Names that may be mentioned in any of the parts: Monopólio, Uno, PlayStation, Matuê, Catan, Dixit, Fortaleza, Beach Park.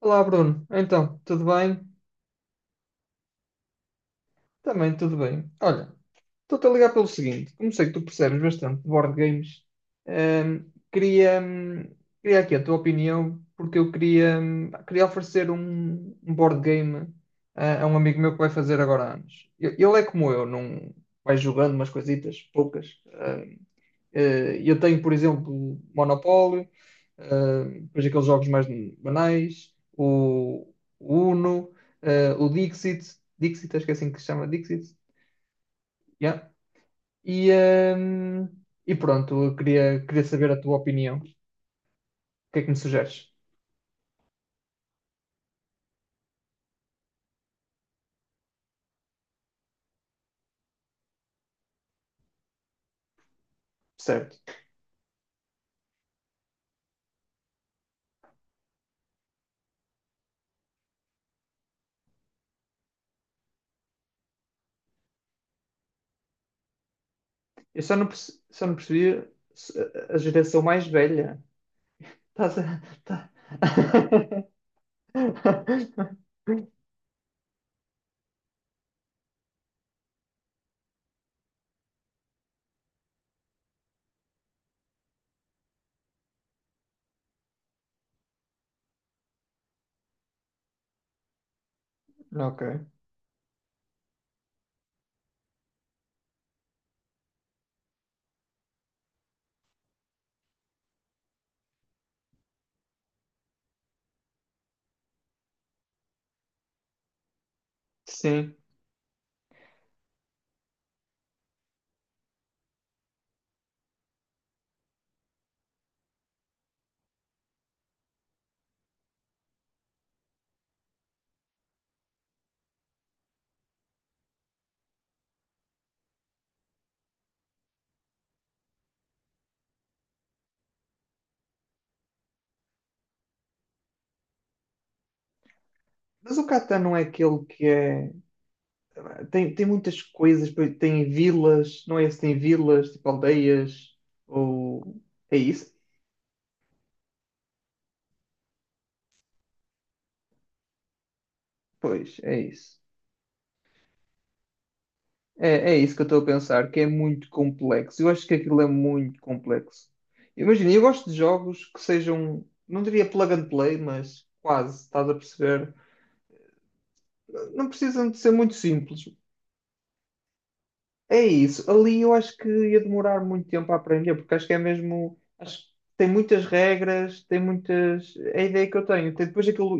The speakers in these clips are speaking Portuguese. Olá, Bruno. Então, tudo bem? Também tudo bem. Olha, estou-te a ligar pelo seguinte, como sei que tu percebes bastante de board games, queria, queria aqui a tua opinião, porque eu queria, queria oferecer um board game a um amigo meu que vai fazer agora anos. Ele é como eu, não vai jogando umas coisitas, poucas. Eu tenho, por exemplo, Monopólio, depois aqueles jogos mais banais, o Uno, o Dixit, Dixit, acho que é assim que se chama, Dixit. Yeah. E, hum, e pronto, eu queria, queria saber a tua opinião. O que é que me sugeres? Certo. Eu só não, só não percebi a geração mais velha. Estás a. Ok. Sim. Mas o Catan não é aquele que é. Tem, tem muitas coisas, pois tem vilas, não é se tem vilas, tipo aldeias, ou é isso? Pois, é isso. É, é isso que eu estou a pensar, que é muito complexo. Eu acho que aquilo é muito complexo. Imagina, eu gosto de jogos que sejam, não diria plug and play, mas quase, estás a perceber? Não precisam de ser muito simples. É isso. Ali eu acho que ia demorar muito tempo a aprender, porque acho que é mesmo. Acho que tem muitas regras, tem muitas. É a ideia que eu tenho. Tem depois aquilo.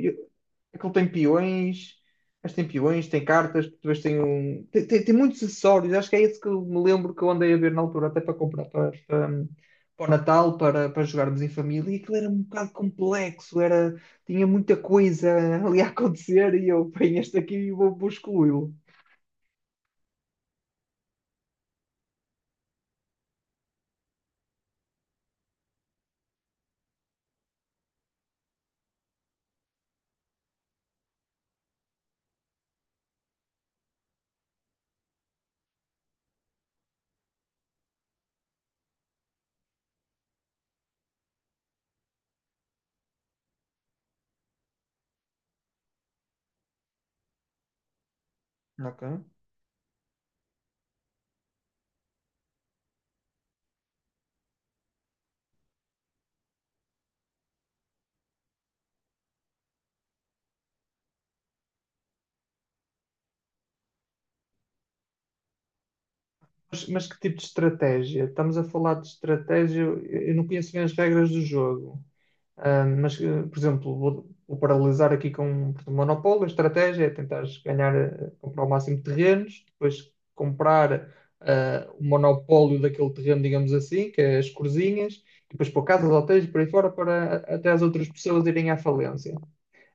Aquilo tem peões, mas tem peões, tem cartas, depois tem um. Tem, tem muitos acessórios, acho que é esse que eu me lembro que eu andei a ver na altura, até para comprar para, para, para o Natal, para, para jogarmos em família, e aquilo era um bocado complexo, era, tinha muita coisa ali a acontecer e eu ponho este aqui e vou, vou excluí-lo. Ok. Mas que tipo de estratégia? Estamos a falar de estratégia, eu não conheço bem as regras do jogo. Ah, mas, por exemplo, vou, vou paralelizar aqui com portanto, monopólio, a estratégia é tentar ganhar, comprar o máximo de terrenos, depois comprar o monopólio daquele terreno, digamos assim, que é as corzinhas, e depois pôr casas, hotéis e por aí fora, para até as outras pessoas irem à falência.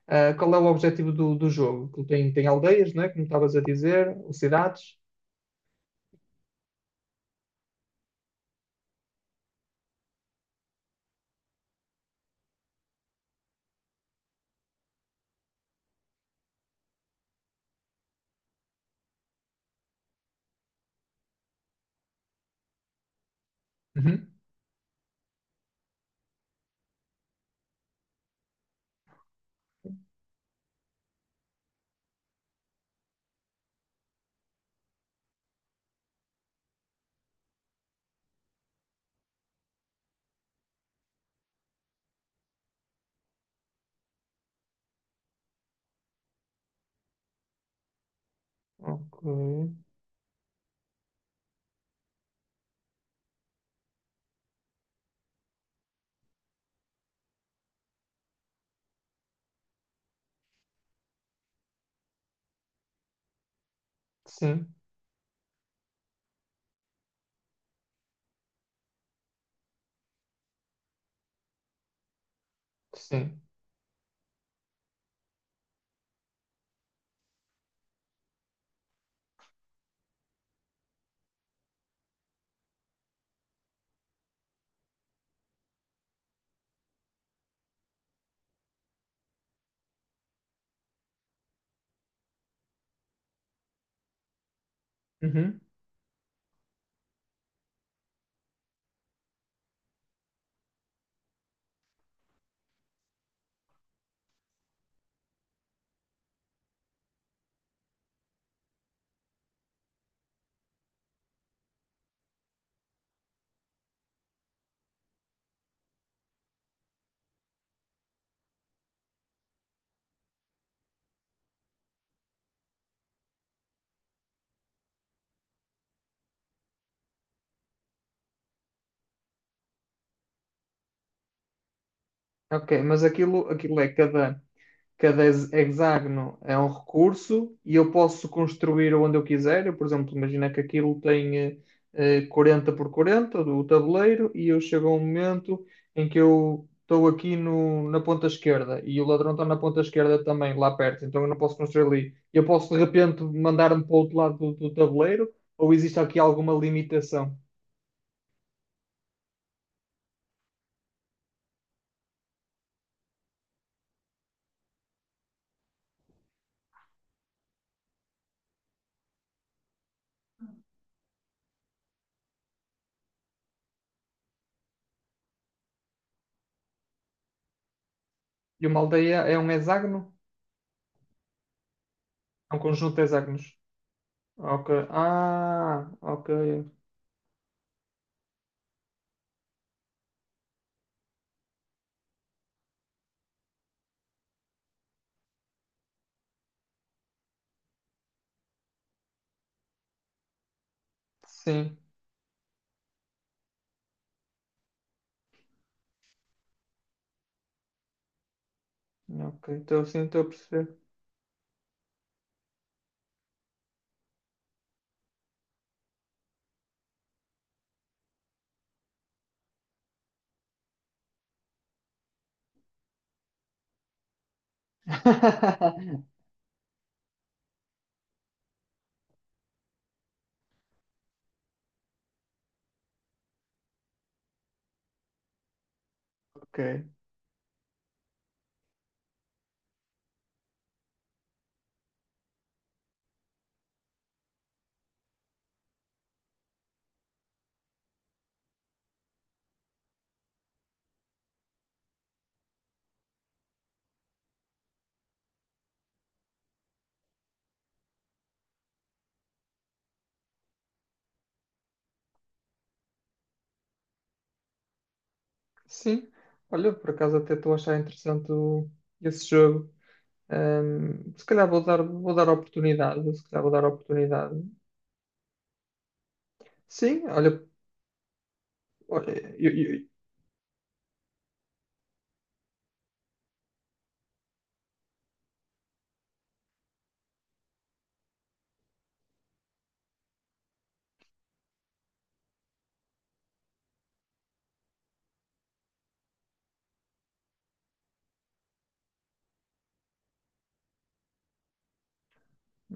Ah, qual é o objetivo do, do jogo? Que tem, tem aldeias, né? Como estavas a dizer, ou cidades. Uhum. Ok. Sim, sim. Uhum. Ok, mas aquilo, aquilo é cada. Cada hexágono é um recurso e eu posso construir onde eu quiser. Eu, por exemplo, imagina que aquilo tem 40 por 40 do tabuleiro e eu chego a um momento em que eu estou aqui no, na ponta esquerda e o ladrão está na ponta esquerda também, lá perto, então eu não posso construir ali. Eu posso de repente mandar-me para o outro lado do, do tabuleiro ou existe aqui alguma limitação? E uma aldeia é um hexágono? É um conjunto de hexágonos. Ok. Ah, ok. Sim. Ok, então sim, estou a perceber. Ok, sim. Olha, por acaso até estou a achar interessante esse jogo. Se calhar vou dar oportunidade. Se calhar vou dar oportunidade. Sim, olha, olha, eu-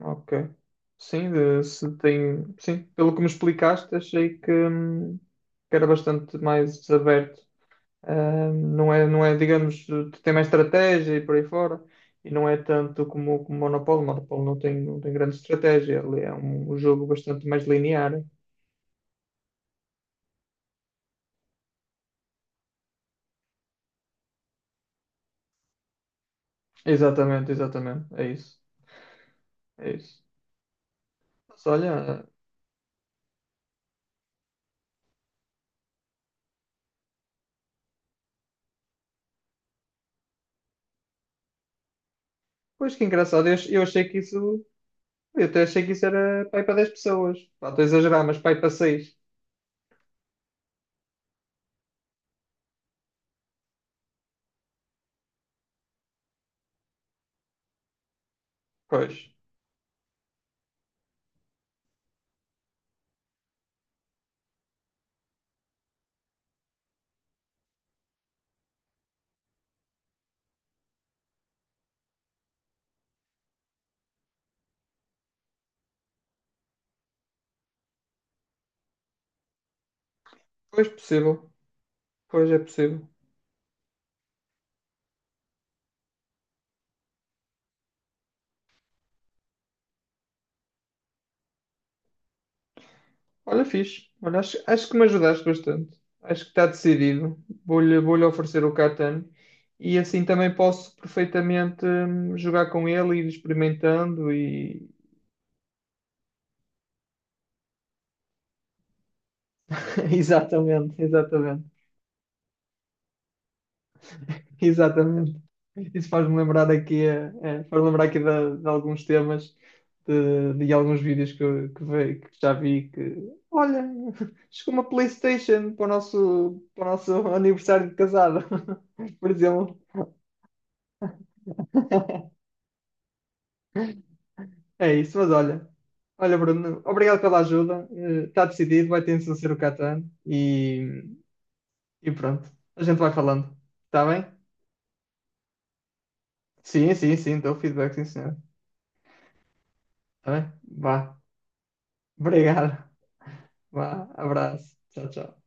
ok. Sim, se tem, sim, pelo que me explicaste, achei que era bastante mais desaberto. Não é, não é, digamos, tu tem mais estratégia e por aí fora, e não é tanto como o Monopólio. O Monopólio não tem, não tem grande estratégia, ele é um, um jogo bastante mais linear. Exatamente, exatamente, é isso, é isso. Mas olha, pois que engraçado, eu achei que isso, eu até achei que isso era pai para 10 pessoas. Pá, estou a exagerar, mas pai para seis. Pois, pois possível, pois é possível. Olha, fixe. Olha, acho, acho que me ajudaste bastante. Acho que está decidido. Vou-lhe oferecer o Catan e assim também posso perfeitamente jogar com ele e ir experimentando e... Exatamente, exatamente, exatamente. Isso faz-me lembrar aqui, faz-me lembrar aqui de alguns temas, de alguns vídeos que, que, que já vi que, olha, chegou uma PlayStation para o nosso aniversário de casado, por exemplo. É isso, mas olha, olha, Bruno, obrigado pela ajuda. Está decidido, vai ter de ser o Catan e pronto, a gente vai falando. Está bem? Sim, sim, sim, dou feedback, sim, senhor. Está bem? Vá. Obrigado. Vá. Abraço. Tchau, tchau.